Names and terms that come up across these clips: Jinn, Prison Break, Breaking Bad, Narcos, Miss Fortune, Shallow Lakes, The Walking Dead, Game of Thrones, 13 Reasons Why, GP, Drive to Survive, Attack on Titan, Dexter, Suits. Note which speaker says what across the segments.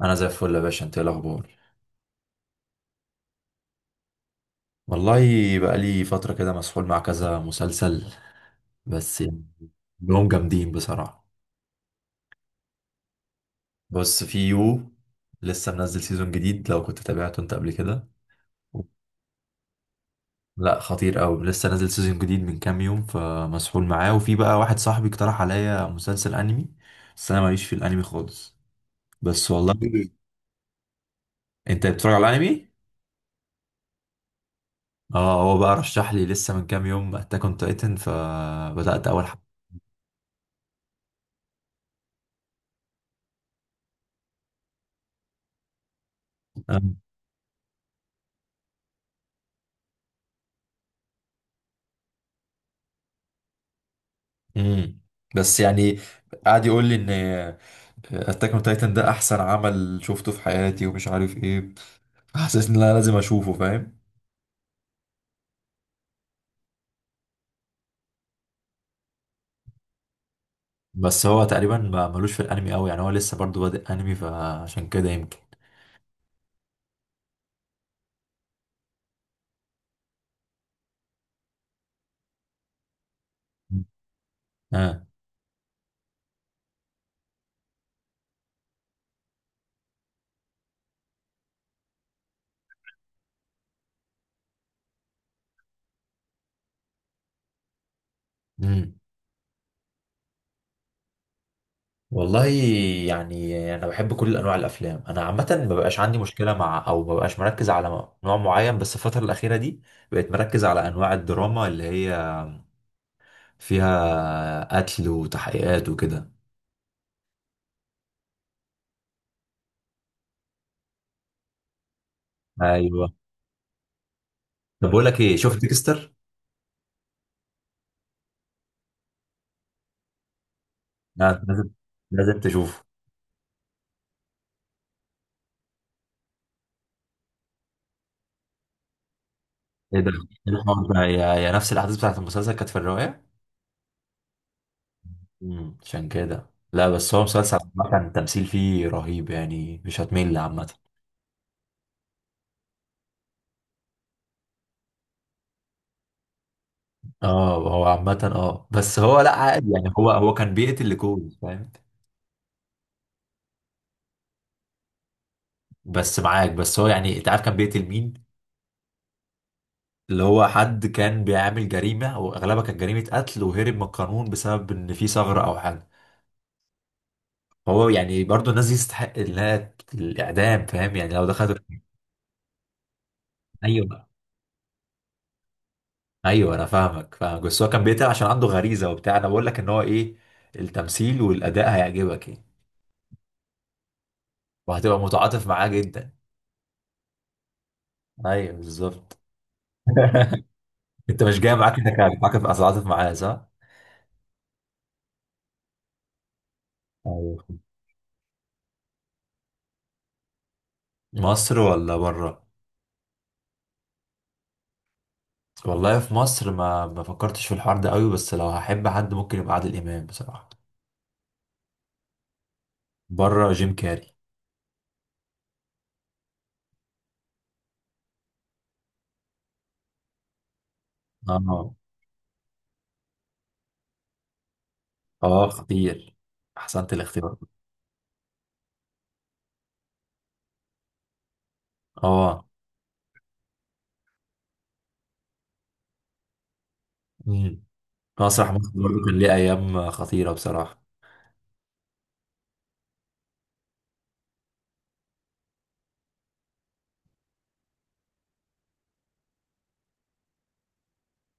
Speaker 1: انا زي الفل يا باشا، انت ايه الاخبار؟ والله، بقى لي فتره كده مسحول مع كذا مسلسل. بس يعني كلهم جامدين بصراحه. بص، في يو لسه منزل سيزون جديد، لو كنت تابعته انت قبل كده. لا، خطير قوي. لسه نازل سيزون جديد من كام يوم فمسحول معاه، وفي بقى واحد صاحبي اقترح عليا مسلسل انمي، بس انا ماليش في الانمي خالص. بس والله انت بتتفرج على الانمي؟ اه، هو بقى رشح لي لسه من كام يوم اتاك اون تايتن، فبدات اول حلقه. امم بس يعني قعد يقول لي ان اتاك اون تايتن ده احسن عمل شفته في حياتي ومش عارف ايه، حسيت ان انا لازم اشوفه فاهم. بس هو تقريبا ما ملوش في الانمي قوي، يعني هو لسه برضو بادئ انمي فعشان كده يمكن. اه. امم. والله، يعني انا بحب كل انواع الافلام، انا عامه ما بقاش عندي مشكله، مع او ما بقاش مركز على نوع معين. بس الفتره الاخيره دي بقيت مركز على انواع الدراما اللي هي فيها قتل وتحقيقات وكده. ايوه. طب بقول لك ايه، شفت ديكستر؟ لا، لازم تشوفه. ايه ده؟ إيه الحوار ده؟ يا نفس الاحداث بتاعت المسلسل كانت في الرواية؟ عشان كده لا، بس هو مسلسل عامة التمثيل فيه رهيب، يعني مش هتمل عامة. اه، هو عامة بس هو لا عادي، يعني هو كان بيقتل لكوز فاهم؟ بس معاك، بس هو يعني انت عارف كان بيقتل مين؟ اللي هو حد كان بيعمل جريمة، واغلبها كانت جريمة قتل، وهرب من القانون بسبب ان في ثغرة او حاجة. هو يعني برضه الناس دي تستحق انها الاعدام، فاهم يعني لو دخلت. ايوه، ايوه، انا فاهمك فاهمك، بس هو كان بيتعب عشان عنده غريزه وبتاع. انا بقول لك ان هو ايه، التمثيل والاداء هيعجبك يعني. وهتبقى متعاطف معاه جدا. ايوه بالظبط. انت مش جاي معاك انك هتتعاطف معاه صح؟ ايوه. مصر ولا بره؟ والله في مصر ما فكرتش في الحوار ده قوي، بس لو هحب حد ممكن يبقى عادل امام بصراحه. بره، جيم كاري. اه، اه، خطير. احسنت الاختيار. اه. مم. مسرح مصر برضه كان ليه ايام خطيره بصراحه.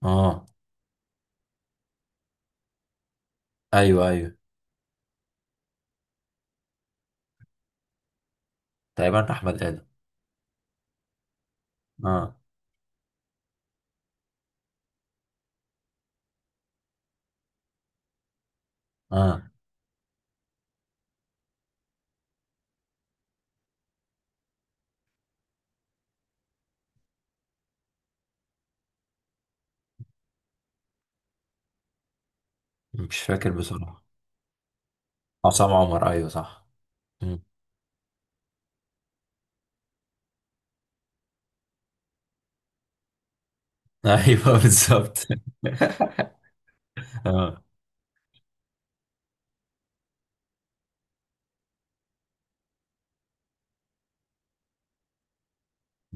Speaker 1: اه. ايوه، ايوه، تقريبا احمد ادم. اه، اه، مش فاكر بصراحه. عصام عمر، ايوه صح. مم. ايوه بالظبط اه.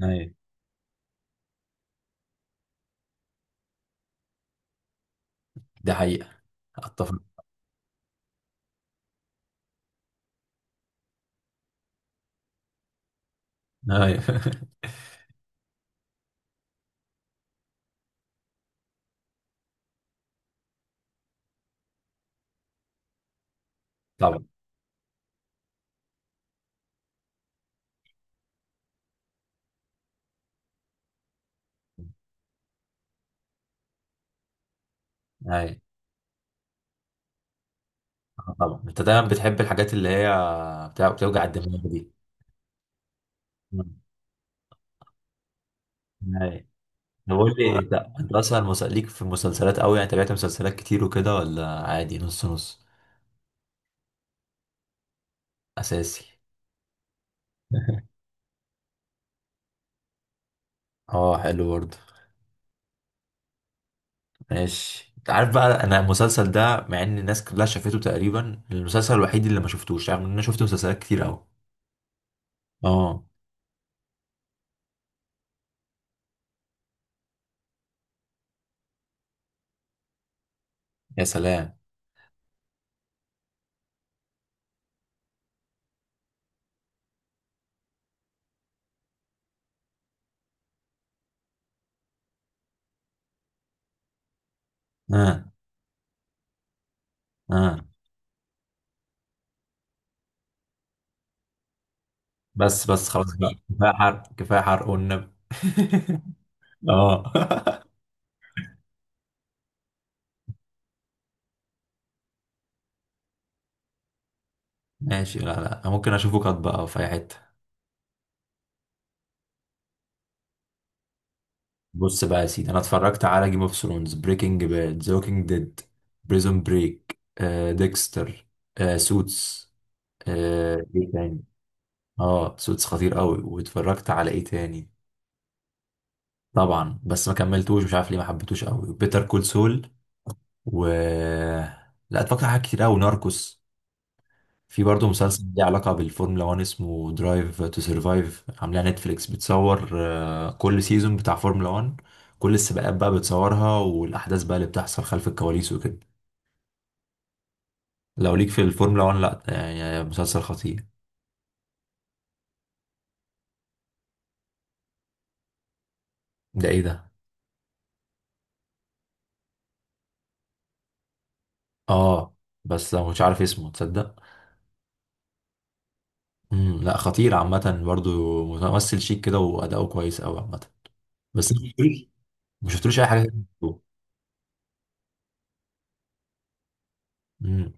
Speaker 1: ايوه، دي حقيقه. اتفق. ايوه. طبعا. ايوه، طبعا انت دايما بتحب الحاجات اللي هي بتوجع الدماغ دي. مم. ايوه. طب قول لي، انت اصلا ليك في المسلسلات قوي يعني؟ تابعت مسلسلات كتير وكده، ولا عادي نص نص؟ اساسي. اه، حلو برضه. ماشي، انت عارف بقى، انا المسلسل ده، مع ان الناس كلها شافته تقريبا، المسلسل الوحيد اللي ما شفتوش، رغم ان انا شفت مسلسلات كتير قوي. اه. يا سلام. اه. اه، بس خلاص بقى، كفايه حرق كفايه حرق والنبي اه ماشي، لا، لا، ممكن اشوفه قط بقى في اي حته. بص بقى يا سيدي، انا اتفرجت على جيم اوف ثرونز، بريكنج باد، ذا ووكينج ديد، بريزون بريك، ديكستر، سوتس. ايه تاني؟ اه، سوتس خطير قوي. واتفرجت على ايه تاني؟ طبعا، بس ما كملتوش، مش عارف ليه ما حبيتوش قوي. بيتر كول سول. و... لا، اتفرجت على حاجات كتير قوي، ناركوس. في برضه مسلسل ليه علاقة بالفورمولا 1، اسمه درايف تو سرفايف، عاملاه نتفليكس، بتصور كل سيزون بتاع فورمولا 1. كل السباقات بقى بتصورها، والاحداث بقى اللي بتحصل خلف الكواليس وكده. لو ليك في الفورمولا 1، لا يعني مسلسل خطير. ده ايه ده. اه، بس أنا مش عارف اسمه تصدق. لا، خطير عامة، برضو ممثل شيك كده وأداؤه كويس أوي عامة. بس ما شفتلوش أي حاجة تانية. امم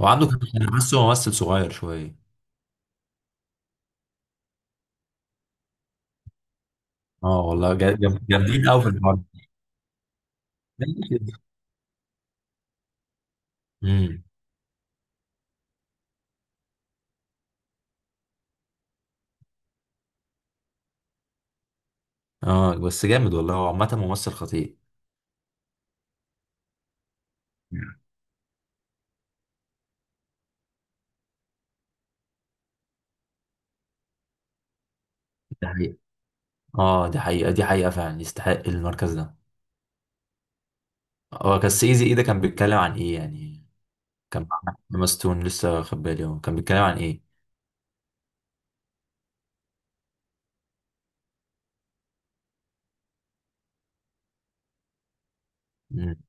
Speaker 1: هو عنده كام سنة؟ أنا حاسه ممثل صغير شوية. اه والله، جامدين أوي في الحوار. امم. اه، بس جامد والله، هو عامة ممثل خطير. مم. دي حقيقة. اه، دي حقيقة دي حقيقة، فعلا يستحق المركز ده. هو كان سيزي ايه ده، كان بيتكلم عن ايه يعني؟ كان مع ماستون، لسه واخد بالي، هو كان بيتكلم عن ايه؟ امم.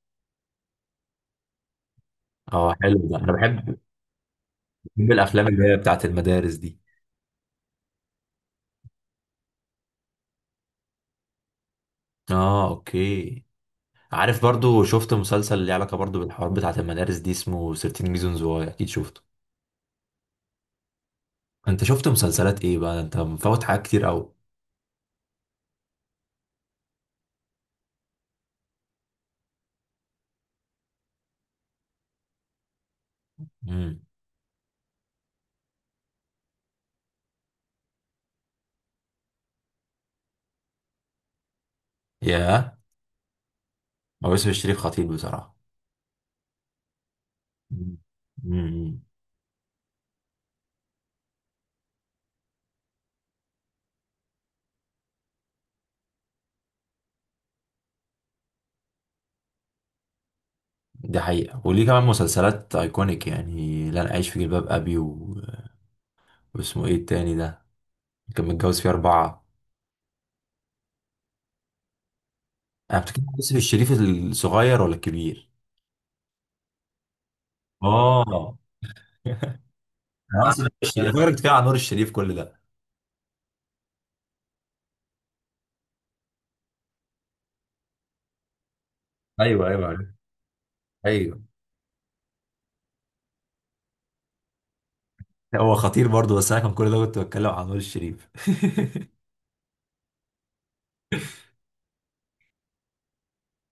Speaker 1: اه، حلو ده، انا بحب الافلام اللي هي بتاعت المدارس دي. اه، اوكي. عارف، برضو شفت مسلسل اللي علاقة برضو بالحوار بتاعت المدارس دي، اسمه 13 Reasons Why، اكيد شفته. انت شفت مسلسلات ايه بقى؟ انت مفوت حاجات كتير قوي. امم. ياه. هو يوسف الشريف خطير بصراحة. مم. مم. دي حقيقة، وليه كمان مسلسلات ايكونيك، يعني لن اعيش في جلباب ابي، و... واسمه ايه التاني ده، كان متجوز فيه اربعة. انا بتكلم عن يوسف الشريف. الصغير ولا الكبير؟ اه. انا اقصد يوسف الشريف، فاكرك بتتكلم عن نور الشريف كل ده. ايوه، ايوه، ايوه. هو خطير برضه، بس انا كان كل ده كنت بتكلم عن نور الشريف.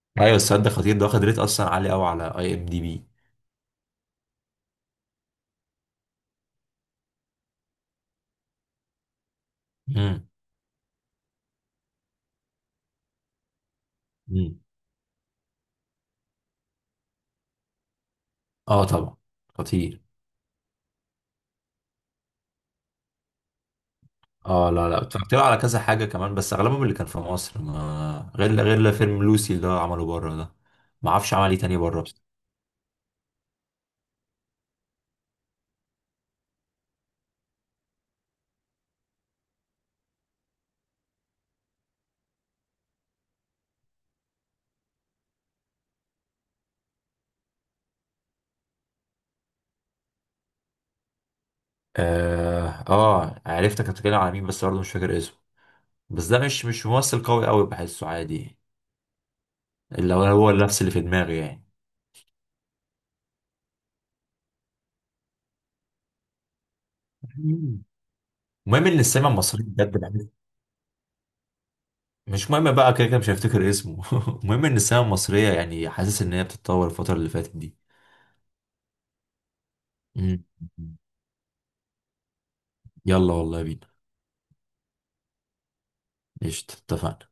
Speaker 1: ايوه، السد خطير ده، واخد ريت اصلا عالي قوي على IMDB. امم، امم. اه طبعا، خطير. اه، لا، لا، اتفرجت له على كذا حاجه كمان، بس اغلبهم اللي كان في مصر، ما غير فيلم لوسي اللي هو عمله بره ده. ما اعرفش عمل ايه تاني بره بس. اه، اه، عرفتك بتتكلم على مين، بس برضه مش فاكر اسمه. بس ده مش ممثل قوي قوي، بحسه عادي. اللي هو نفس اللي في دماغي يعني. مم. المهم ان السينما المصريه بجد. مش مهم بقى، كده كده مش هفتكر اسمه المهم ان السينما المصرية، يعني حاسس ان هي بتتطور الفترة اللي فاتت دي. مم. يلا والله بينا. قشطة، اتفقنا.